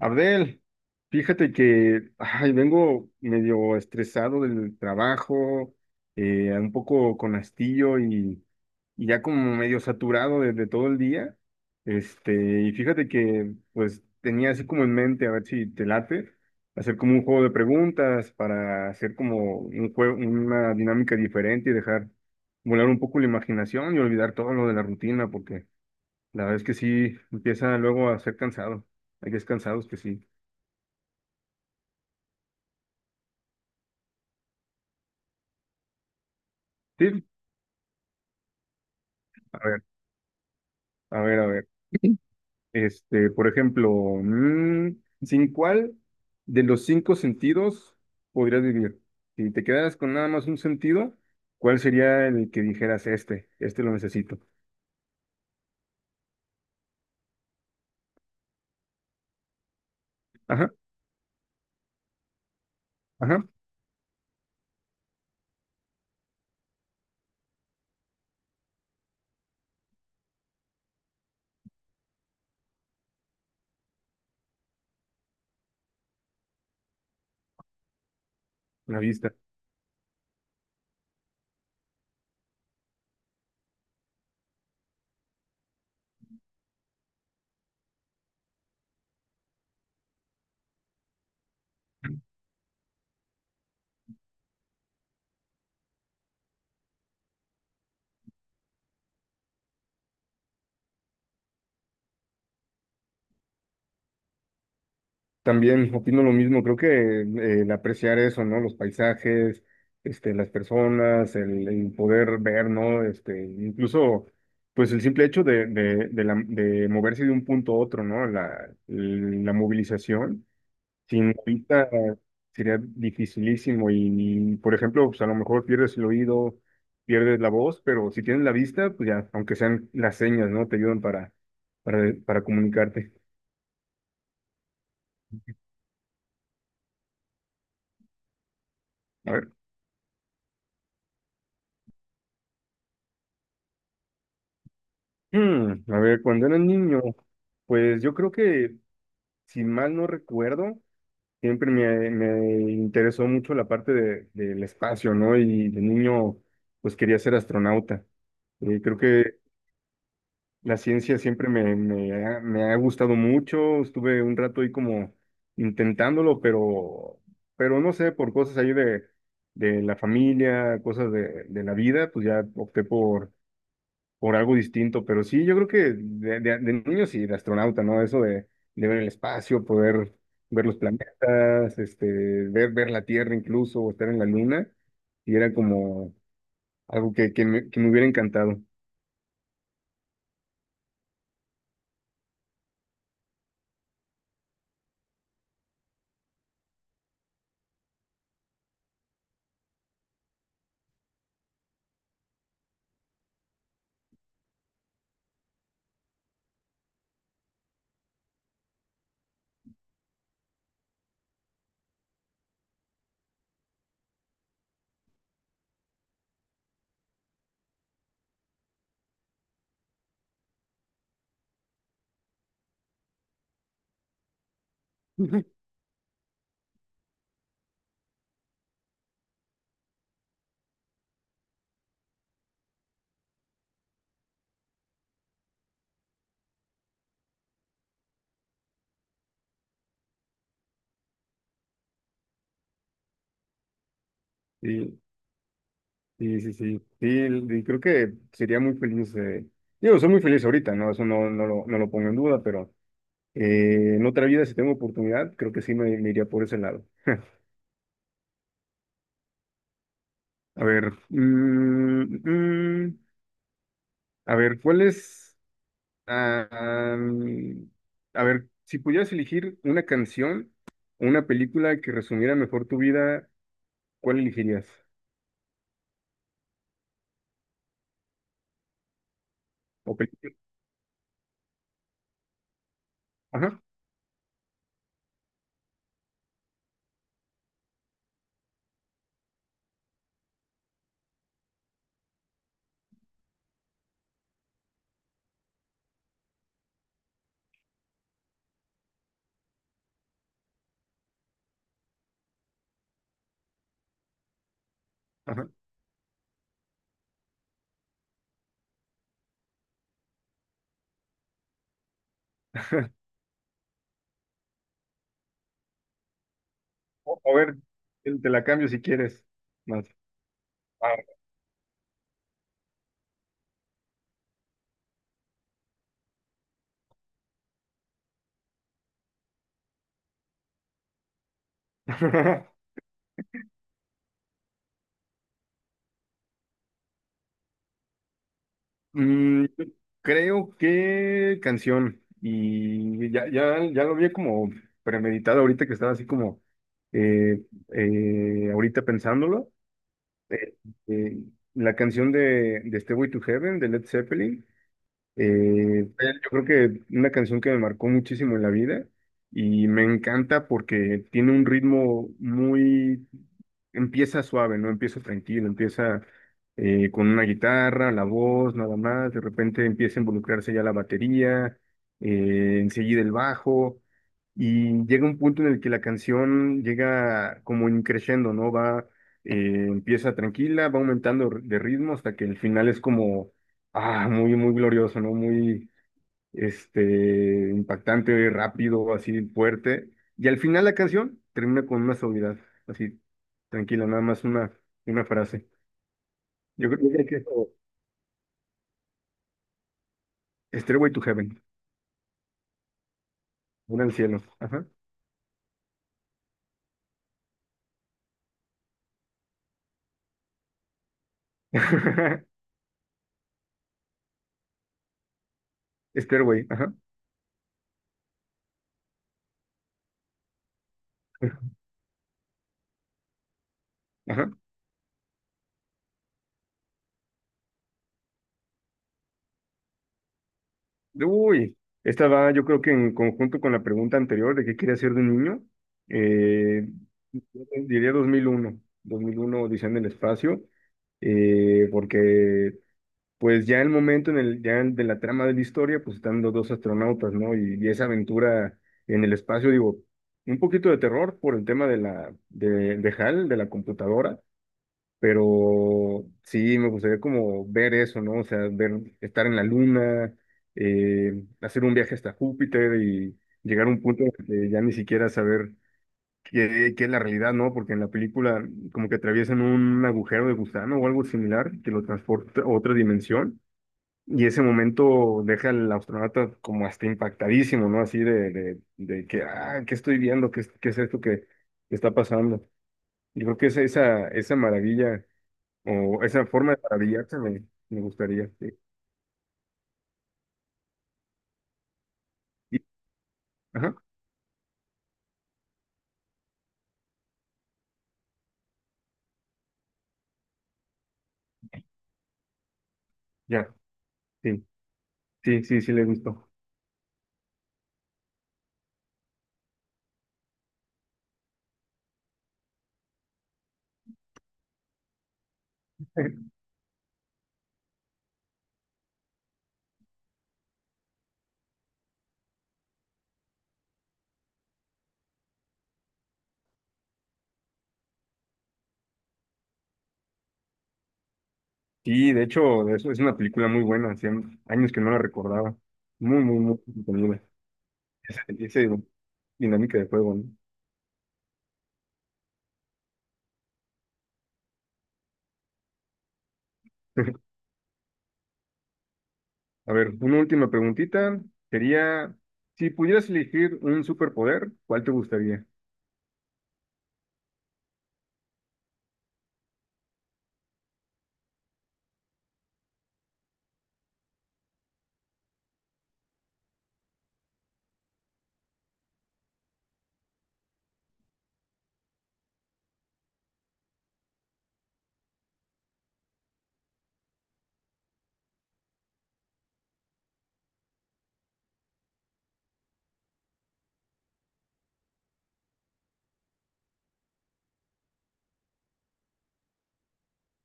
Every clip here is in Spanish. Abdel, fíjate que ay, vengo medio estresado del trabajo, un poco con hastío y ya como medio saturado de todo el día. Y fíjate que pues tenía así como en mente, a ver si te late, hacer como un juego de preguntas para hacer como un juego, una dinámica diferente y dejar volar un poco la imaginación y olvidar todo lo de la rutina, porque la verdad es que sí empieza luego a ser cansado. Hay días cansados que sí. Sí, a ver, a ver, a ver. Por ejemplo, mm, ¿sin cuál de los cinco sentidos podrías vivir? Si te quedaras con nada más un sentido, ¿cuál sería el que dijeras este? Este lo necesito. Ajá, ajá, la vista. También opino lo mismo, creo que el apreciar eso, ¿no? Los paisajes, las personas, el poder ver, ¿no? Este, incluso, pues el simple hecho de moverse de un punto a otro, ¿no? La movilización, sin vista sería dificilísimo y, por ejemplo, pues a lo mejor pierdes el oído, pierdes la voz, pero si tienes la vista, pues ya, aunque sean las señas, ¿no? Te ayudan para comunicarte. A ver. Hmm, a ver, cuando era niño, pues yo creo que, si mal no recuerdo, siempre me interesó mucho la parte del espacio, ¿no? Y de niño, pues quería ser astronauta. Creo que la ciencia siempre me ha gustado mucho. Estuve un rato ahí como intentándolo, pero no sé, por cosas ahí de la familia, cosas de la vida, pues ya opté por algo distinto, pero sí, yo creo que de niño sí, de astronauta, ¿no? Eso de ver el espacio, poder ver los planetas, ver, ver la Tierra incluso, o estar en la Luna, y era como algo que me hubiera encantado. Sí, sí, sí, sí, sí, y creo que sería muy feliz, digo, soy muy feliz ahorita, ¿no? Eso no, no lo pongo en duda, pero en otra vida, si tengo oportunidad, creo que sí me iría por ese lado. A ver, mm, a ver, ¿cuál es? Ah, mm, a ver, si pudieras elegir una canción o una película que resumiera mejor tu vida, ¿cuál elegirías? O película. Ajá, ajá. A ver, te la cambio si quieres. Más. Ah. Mm, Creo que canción. Y ya, ya, ya lo vi como premeditado ahorita que estaba así como eh, ahorita pensándolo. Eh, eh, la canción de Stairway to Heaven de Led Zeppelin. Yo creo que una canción que me marcó muchísimo en la vida y me encanta porque tiene un ritmo muy, empieza suave, ¿no? Empieza tranquilo, empieza con una guitarra, la voz, nada más, de repente empieza a involucrarse ya la batería, enseguida el bajo, y llega un punto en el que la canción llega como en crescendo, ¿no? Va, empieza tranquila, va aumentando de ritmo hasta que el final es como ah, muy, muy glorioso, ¿no? Muy, impactante, rápido, así fuerte. Y al final la canción termina con una suavidad, así, tranquila, nada más una frase. Yo creo que es como Stairway to Heaven, una al cielo. Ajá. Stairway, ajá. Ajá. Uy, esta va, yo creo que en conjunto con la pregunta anterior de qué quería hacer de niño, eh, diría 2001 Odisea en el espacio, porque pues ya el momento en el, ya de la trama de la historia, pues están los dos astronautas, ¿no? Y esa aventura en el espacio, digo, un poquito de terror por el tema de de HAL, de la computadora, pero sí, me gustaría como ver eso, ¿no? O sea, ver, estar en la luna, hacer un viaje hasta Júpiter y llegar a un punto en el que ya ni siquiera saber qué, qué es la realidad, ¿no? Porque en la película como que atraviesan un agujero de gusano o algo similar que lo transporta a otra dimensión. Y ese momento deja al astronauta como hasta impactadísimo, ¿no? Así de que, ah, ¿qué estoy viendo? ¿Qué, qué es esto que está pasando? Yo creo que esa maravilla o esa forma de maravillarse me gustaría. Sí. Y- ajá, ya, sí, sí, sí, sí, le gustó. Sí, de hecho, eso es una película muy buena, hacía años que no la recordaba. Muy, muy, muy entretenida. Esa dinámica de juego, ¿no? A ver, una última preguntita. Sería, si pudieras elegir un superpoder, ¿cuál te gustaría?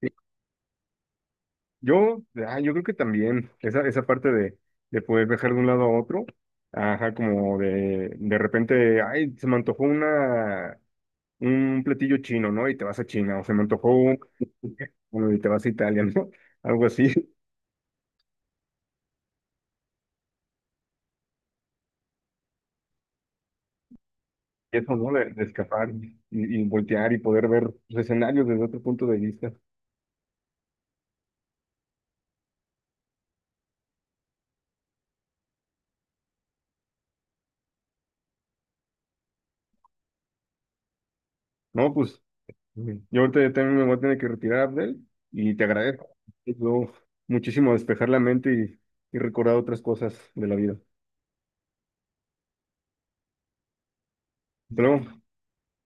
Sí, yo, yo creo que también, esa parte de poder viajar de un lado a otro, ajá, como de repente, ay, se me antojó una, un platillo chino, ¿no? Y te vas a China, o se me antojó un- bueno, y te vas a Italia, ¿no? Algo así, y eso, ¿no? De escapar y voltear y poder ver los escenarios desde otro punto de vista. No, pues ujú. Yo ahorita ya también me voy a tener que retirar, Abdel, y te agradezco. Me ayudó muchísimo a despejar la mente y recordar otras cosas de la vida. Hasta luego.